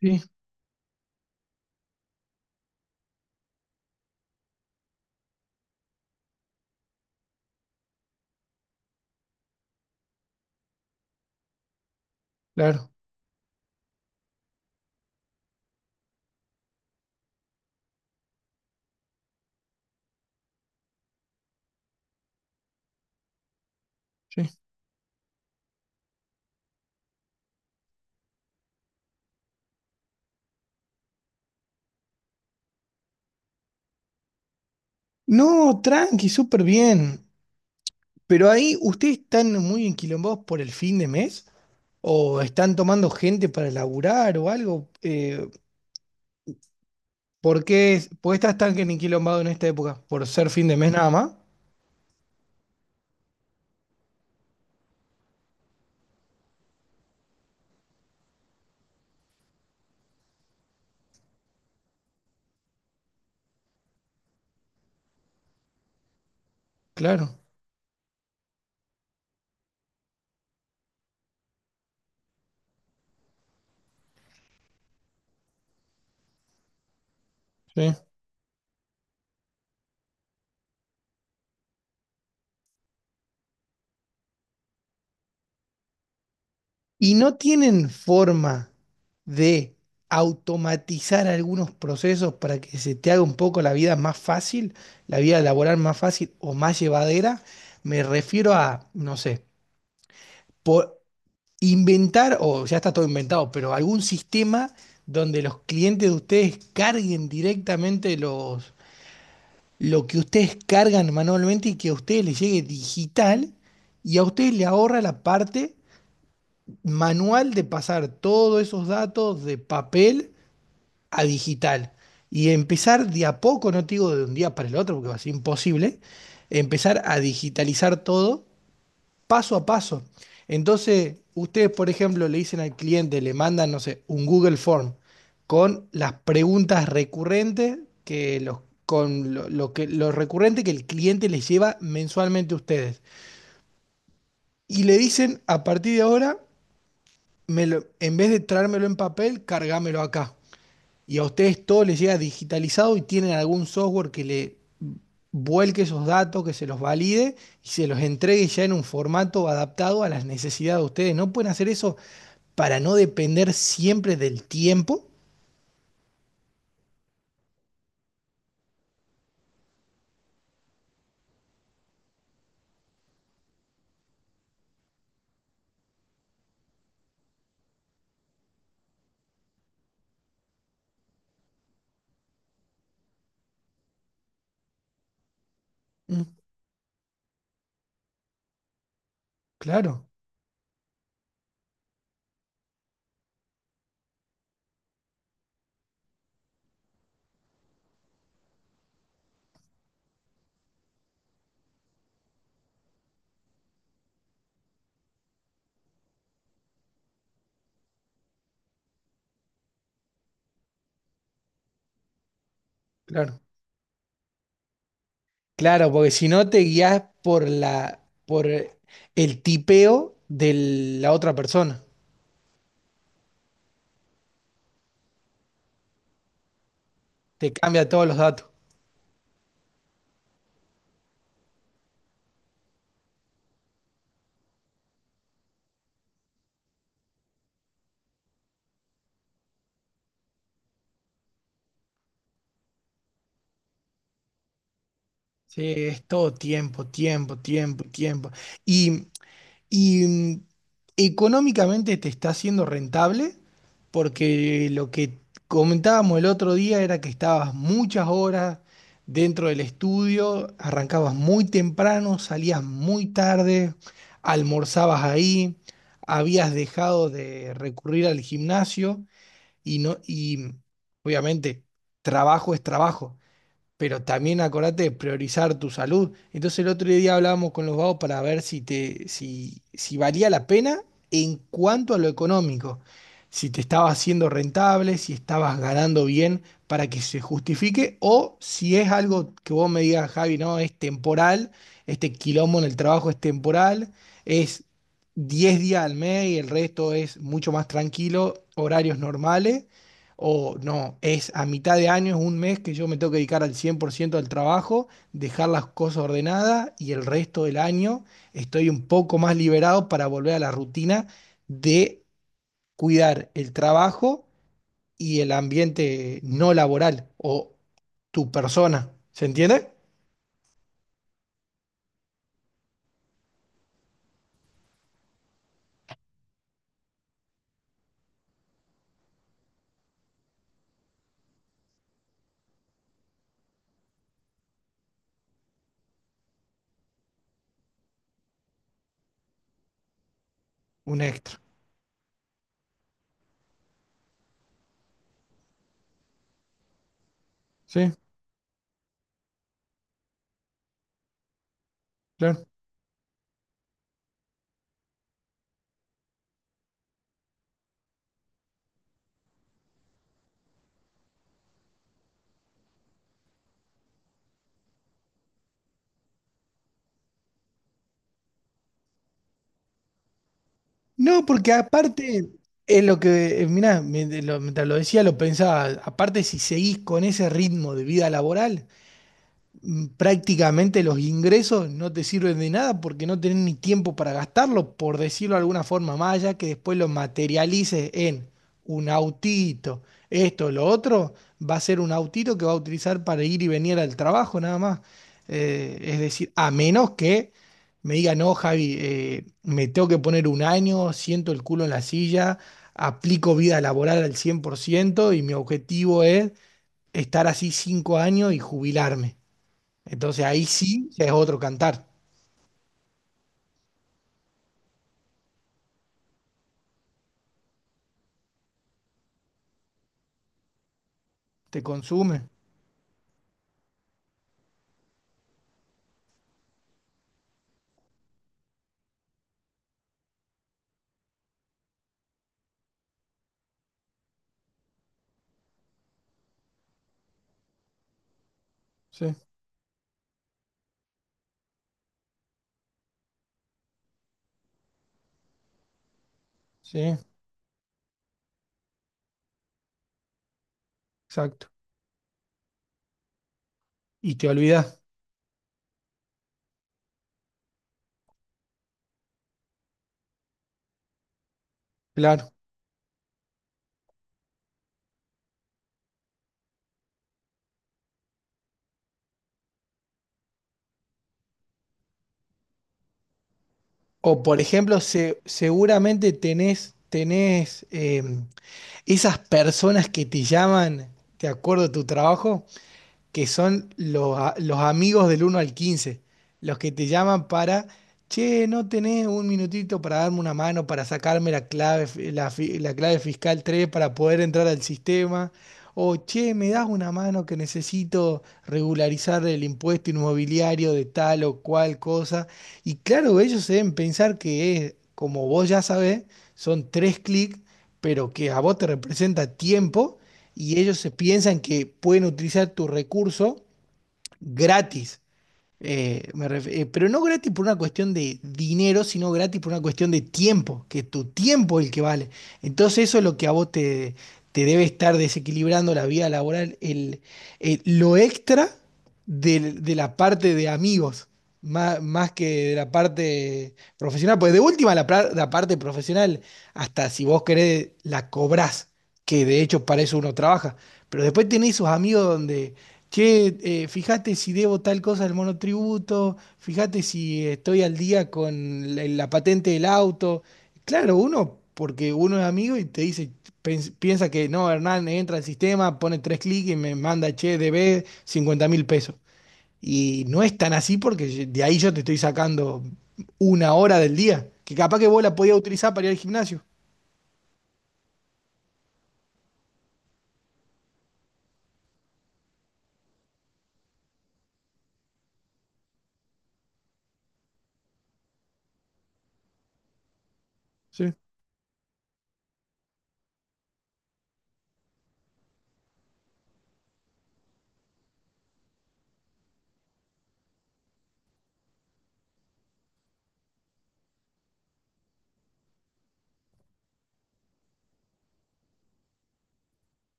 Sí, claro, sí. No, tranqui, súper bien. Pero ahí, ¿ustedes están muy enquilombados por el fin de mes? ¿O están tomando gente para laburar o algo? ¿Por qué, por qué estás tan enquilombado en esta época? ¿Por ser fin de mes nada más? Claro. Sí. ¿Y no tienen forma de automatizar algunos procesos para que se te haga un poco la vida más fácil, la vida laboral más fácil o más llevadera? Me refiero a, no sé, por inventar, o ya está todo inventado, pero algún sistema donde los clientes de ustedes carguen directamente los, lo que ustedes cargan manualmente y que a ustedes les llegue digital y a ustedes le ahorra la parte manual de pasar todos esos datos de papel a digital y empezar de a poco, no te digo de un día para el otro porque va a ser imposible, empezar a digitalizar todo paso a paso. Entonces, ustedes, por ejemplo, le dicen al cliente, le mandan, no sé, un Google Form con las preguntas recurrentes que los, con lo que, lo recurrente que el cliente les lleva mensualmente a ustedes. Y le dicen, a partir de ahora, en vez de traérmelo en papel, cargámelo acá y a ustedes todo les llega digitalizado y tienen algún software que le vuelque esos datos, que se los valide y se los entregue ya en un formato adaptado a las necesidades de ustedes. ¿No pueden hacer eso para no depender siempre del tiempo? Mm, claro, claro. Claro, porque si no te guías por por el tipeo de la otra persona. Te cambia todos los datos. Sí, es todo tiempo, tiempo, tiempo, tiempo. Y Y económicamente te está siendo rentable porque lo que comentábamos el otro día era que estabas muchas horas dentro del estudio, arrancabas muy temprano, salías muy tarde, almorzabas ahí, habías dejado de recurrir al gimnasio y no, y obviamente trabajo es trabajo pero también acordate de priorizar tu salud. Entonces el otro día hablábamos con los vagos para ver si te, si, si valía la pena en cuanto a lo económico, si te estaba haciendo rentable, si estabas ganando bien para que se justifique, o si es algo que vos me digas, Javi, no, es temporal, este quilombo en el trabajo es temporal, es 10 días al mes y el resto es mucho más tranquilo, horarios normales. O no, es a mitad de año, es un mes que yo me tengo que dedicar al 100% al trabajo, dejar las cosas ordenadas y el resto del año estoy un poco más liberado para volver a la rutina de cuidar el trabajo y el ambiente no laboral o tu persona. ¿Se entiende? Un extra. Sí, claro. No, porque aparte, es lo que, mira, mientras lo decía, lo pensaba, aparte si seguís con ese ritmo de vida laboral. Prácticamente los ingresos no te sirven de nada porque no tenés ni tiempo para gastarlo, por decirlo de alguna forma, más allá que después lo materialices en un autito, esto, lo otro, va a ser un autito que va a utilizar para ir y venir al trabajo nada más. Es decir, a menos que me diga, no, Javi, me tengo que poner un año, siento el culo en la silla, aplico vida laboral al 100% y mi objetivo es estar así 5 años y jubilarme. Entonces ahí sí ya es otro cantar. Te consume. Sí, sí, exacto. Y te olvidas, claro. O por ejemplo, seguramente tenés esas personas que te llaman, ¿te acuerdo de tu trabajo? Que son los amigos del 1 al 15, los que te llaman para, che, ¿no tenés un minutito para darme una mano, para sacarme la clave, la clave fiscal 3 para poder entrar al sistema? O, che, ¿me das una mano que necesito regularizar el impuesto inmobiliario de tal o cual cosa? Y claro, ellos deben pensar que es, como vos ya sabés, son tres clics, pero que a vos te representa tiempo y ellos se piensan que pueden utilizar tu recurso gratis. Pero no gratis por una cuestión de dinero, sino gratis por una cuestión de tiempo, que tu tiempo es el que vale. Entonces eso es lo que a vos te debe estar desequilibrando la vida laboral, lo extra la parte de amigos, más, que de la parte profesional. Pues de última, la parte profesional, hasta si vos querés, la cobrás, que de hecho para eso uno trabaja. Pero después tenés esos amigos donde che, fíjate si debo tal cosa al monotributo, fíjate si estoy al día con la patente del auto. Claro, uno, porque uno es amigo y te dice, piensa que no, Hernán entra al sistema, pone tres clics y me manda, che, debe 50.000 pesos. Y no es tan así porque de ahí yo te estoy sacando una hora del día, que capaz que vos la podías utilizar para ir al gimnasio. Sí,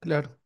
claro.